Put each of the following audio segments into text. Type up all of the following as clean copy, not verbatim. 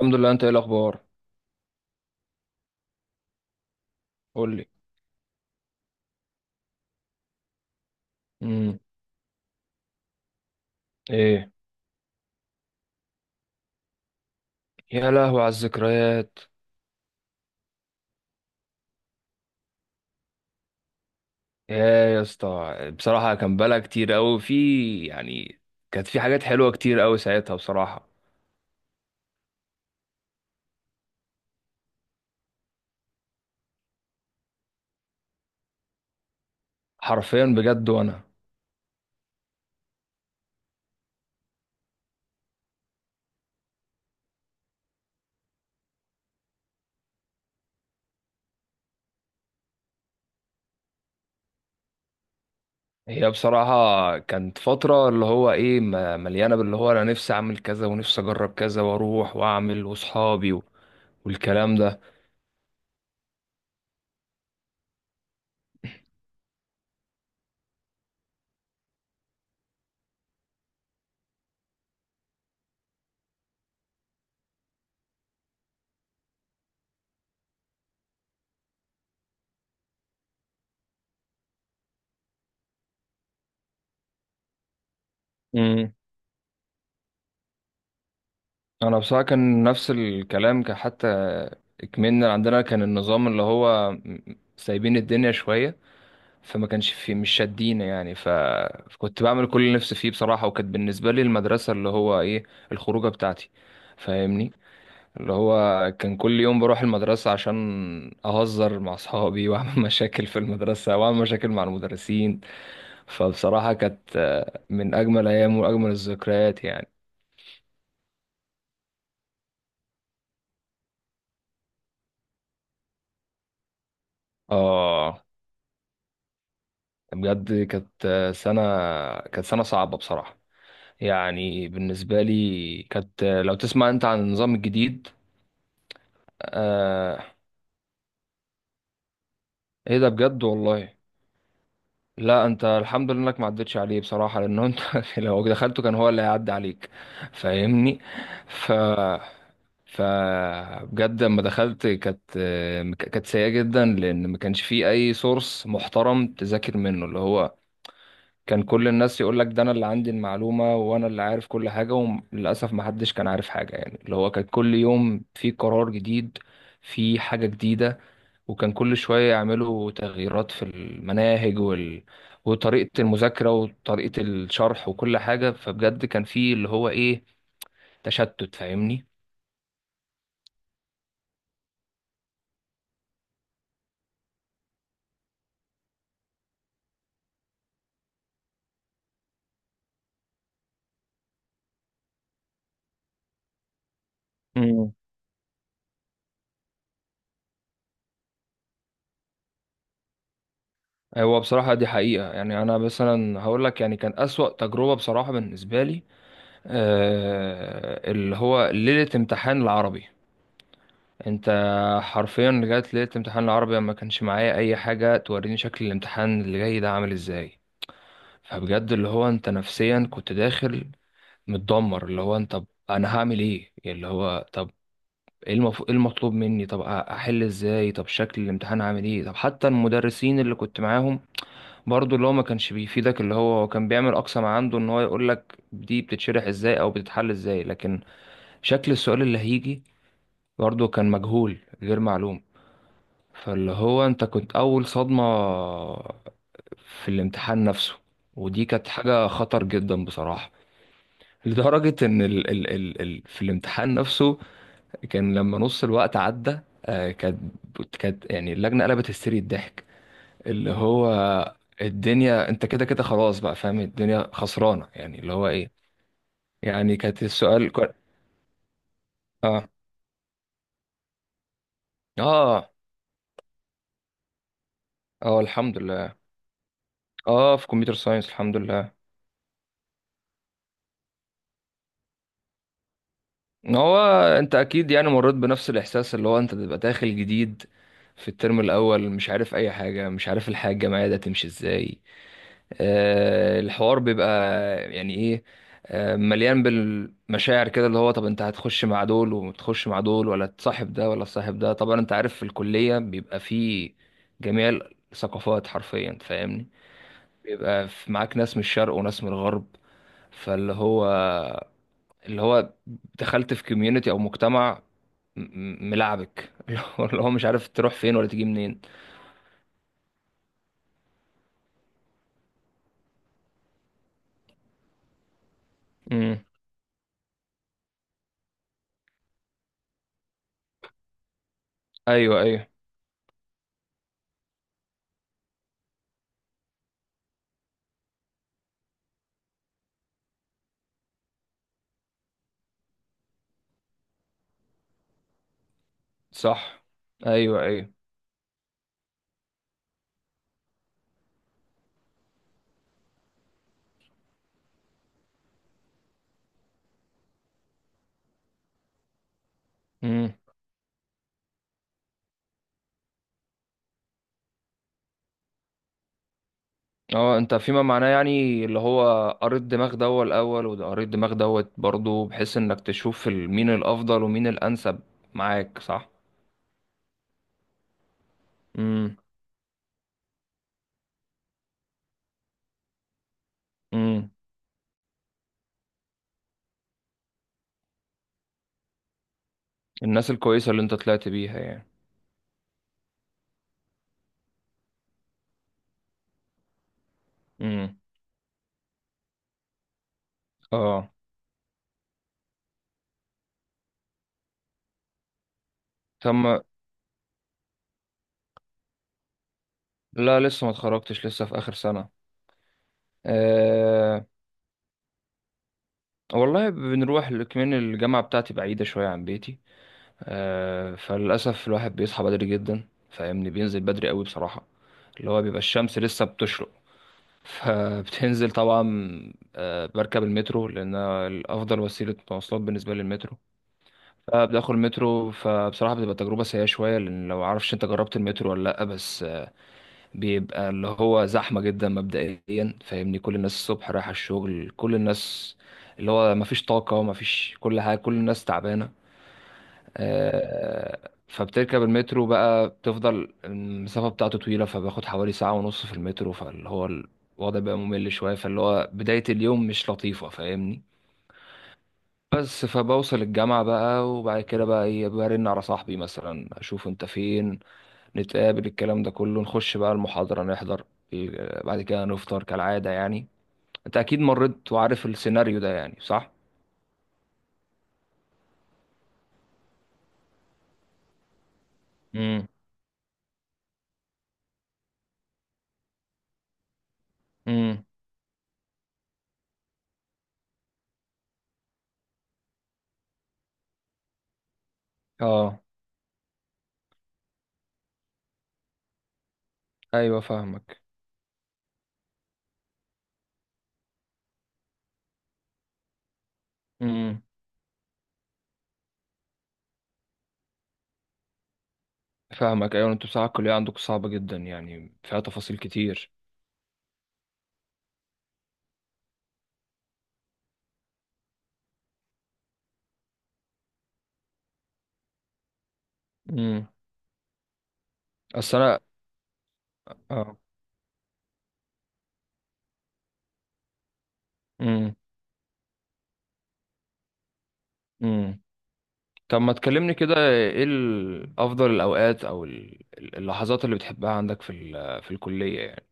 الحمد لله، انت ايه الاخبار؟ قول لي. امم. ايه. يا لهوي على الذكريات! يا يا اسطى، بصراحه كان بلا كتير قوي في، يعني. كانت في حاجات حلوه كتير قوي ساعتها، بصراحه. حرفيا، بجد، وانا. هي بصراحه كانت فتره اللي هو ايه، مليانه باللي هو انا نفسي اعمل كذا ونفسي اجرب كذا واروح واعمل واصحابي والكلام ده. امم. انا بصراحه كان نفس الكلام، كان حتى كمان عندنا كان النظام اللي هو سايبين الدنيا شويه. فما كانش في، مش شادين يعني فكنت بعمل كل اللي نفسي فيه بصراحة، وكانت بالنسبة لي المدرسة اللي هو ايه الخروجة بتاعتي، فاهمني. اللي هو كان كل يوم بروح المدرسة عشان أهزر مع أصحابي وأعمل مشاكل في المدرسة وأعمل مشاكل مع المدرسين. فبصراحة كانت من أجمل أيام وأجمل الذكريات، يعني. آه. بجد كانت سنة، كانت سنة صعبة بصراحة. يعني بالنسبة لي كانت لو تسمع انت عن النظام الجديد. آه. ايه ده بجد والله. لا، انت الحمد لله انك ما عدتش عليه بصراحة، لان انت لو دخلته كان هو اللي هيعدي عليك، فاهمني. ف ف بجد لما دخلت كانت سيئة جدا، لان ما كانش فيه اي سورس محترم تذاكر منه. اللي هو كان كل الناس يقول لك ده انا اللي عندي المعلومة وانا اللي عارف كل حاجة، وللاسف ما حدش كان عارف حاجة، يعني اللي هو كان كل يوم في قرار جديد، في حاجة جديدة. وكان كل شوية يعملوا تغييرات في المناهج وطريقة المذاكرة وطريقة الشرح وكل حاجة. فبجد كان في اللي هو ايه تشتت، فاهمني. امم. هو بصراحة دي حقيقة، يعني أنا مثلا هقول لك يعني كان أسوأ تجربة بصراحة بالنسبة لي، اللي هو ليلة امتحان العربي. انت حرفيا رجعت لقيت امتحان العربي ما كانش معايا اي حاجه توريني شكل الامتحان اللي جاي ده عامل ازاي. فبجد اللي هو انت نفسيا كنت داخل متدمر. اللي هو انت طب انا هعمل ايه، يعني اللي هو طب ايه المطلوب مني، طب احل ازاي، طب شكل الامتحان عامل ايه، طب حتى المدرسين اللي كنت معاهم برضو اللي هو ما كانش بيفيدك. اللي هو كان بيعمل اقصى ما عنده ان هو يقول لك دي بتتشرح ازاي او بتتحل ازاي، لكن شكل السؤال اللي هيجي برضو كان مجهول غير معلوم. فاللي هو انت كنت اول صدمة في الامتحان نفسه، ودي كانت حاجة خطر جدا بصراحة. لدرجة ان ال في الامتحان نفسه، كان لما نص الوقت عدى آه، كانت كانت يعني اللجنة قلبت هستيري الضحك، اللي هو الدنيا انت كده كده خلاص بقى فاهم الدنيا خسرانة، يعني اللي هو ايه. يعني كانت السؤال اه، اه، اه، الحمد لله. اه، في كمبيوتر ساينس، الحمد لله. هو انت اكيد يعني مريت بنفس الاحساس اللي هو انت بتبقى داخل جديد في الترم الاول، مش عارف اي حاجه، مش عارف الحياه الجامعيه ده تمشي ازاي. الحوار بيبقى يعني ايه، مليان بالمشاعر كده. اللي هو طب انت هتخش مع دول وتخش مع دول، ولا تصاحب ده ولا تصاحب ده. طبعا انت عارف في الكليه بيبقى فيه جميع الثقافات حرفيا، فاهمني. بيبقى معاك ناس من الشرق وناس من الغرب. فاللي هو اللي هو دخلت في كوميونتي او مجتمع ملعبك. اللي هو مش عارف تروح فين ولا تيجي منين. امم. ايوه، ايوه. صح. ايوه، ايوه. امم. اه، انت فيما معناه يعني اللي هو قريت دماغ دوت الاول، وده قريت دماغ دوت برضه، بحيث انك تشوف مين الافضل ومين الانسب معاك، صح. امم، امم. الناس الكويسه اللي انت طلعت بيها، يعني. امم. اه. تم. لا، لسه ما اتخرجتش، لسه في اخر سنه. أه، والله بنروح كمان الجامعة بتاعتي بعيدة شوية عن بيتي. فللأسف الواحد بيصحى بدري جدا، فاهمني، بينزل بدري قوي بصراحة. اللي هو بيبقى الشمس لسه بتشرق. فبتنزل طبعا. بركب المترو لأن الأفضل وسيلة مواصلات بالنسبة لي المترو. فبدخل المترو، فبصراحة بتبقى تجربة سيئة شوية لأن لو معرفش أنت جربت المترو ولا لأ، بس بيبقى اللي هو زحمة جدا مبدئيا، فاهمني. كل الناس الصبح رايحة الشغل، كل الناس اللي هو مفيش طاقة، مفيش كل حاجة، كل الناس تعبانة. فبتركب المترو بقى، بتفضل المسافة بتاعته طويلة فباخد حوالي ساعة ونص في المترو، فاللي هو الوضع بقى ممل شوية، فاللي هو بداية اليوم مش لطيفة، فاهمني. بس فبوصل الجامعة بقى، وبعد كده بقى ايه برن على صاحبي مثلا اشوف انت فين، نتقابل، الكلام ده كله، نخش بقى المحاضرة، نحضر. بعد كده نفطر كالعادة، يعني انت اكيد مريت وعارف السيناريو ده، يعني صح؟ امم، امم. اه. ايوه، فاهمك. امم. فاهمك، ايوه، انتوا بصراحة الكلية عندكم صعبة جدا يعني، فيها تفاصيل كتير. امم. اصل انا. اه. امم، امم. طب ما تكلمني كده ايه افضل الاوقات او اللحظات اللي بتحبها عندك في في الكلية، يعني.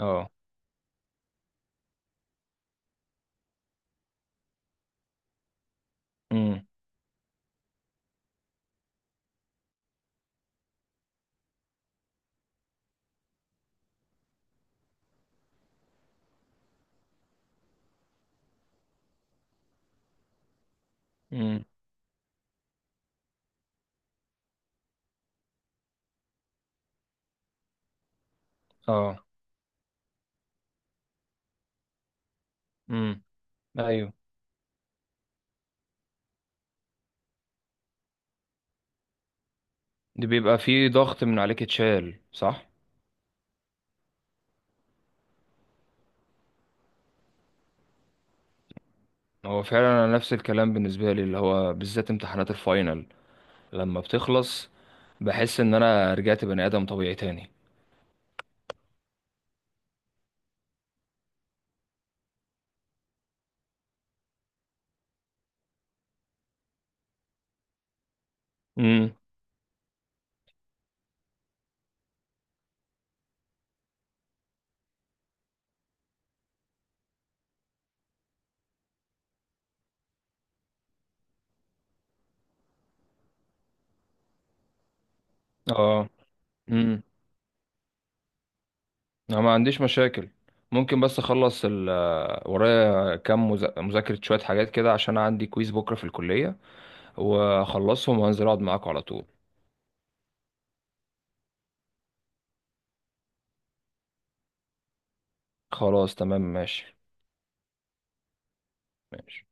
اه. امم، امم. اه. امم. ايوه، دي بيبقى فيه ضغط من عليك اتشال، صح. هو فعلا انا نفس الكلام بالنسبه لي اللي هو بالذات امتحانات الفاينل لما بتخلص بحس ان انا رجعت بني ادم طبيعي تاني. امم. اه. امم. انا ما عنديش مشاكل. ممكن بس اخلص ال آه، ورايا كام مذاكره شويه حاجات كده عشان عندي كويز بكره في الكليه، واخلصهم وانزل اقعد معاكم على طول. خلاص، تمام، ماشي. ماشي.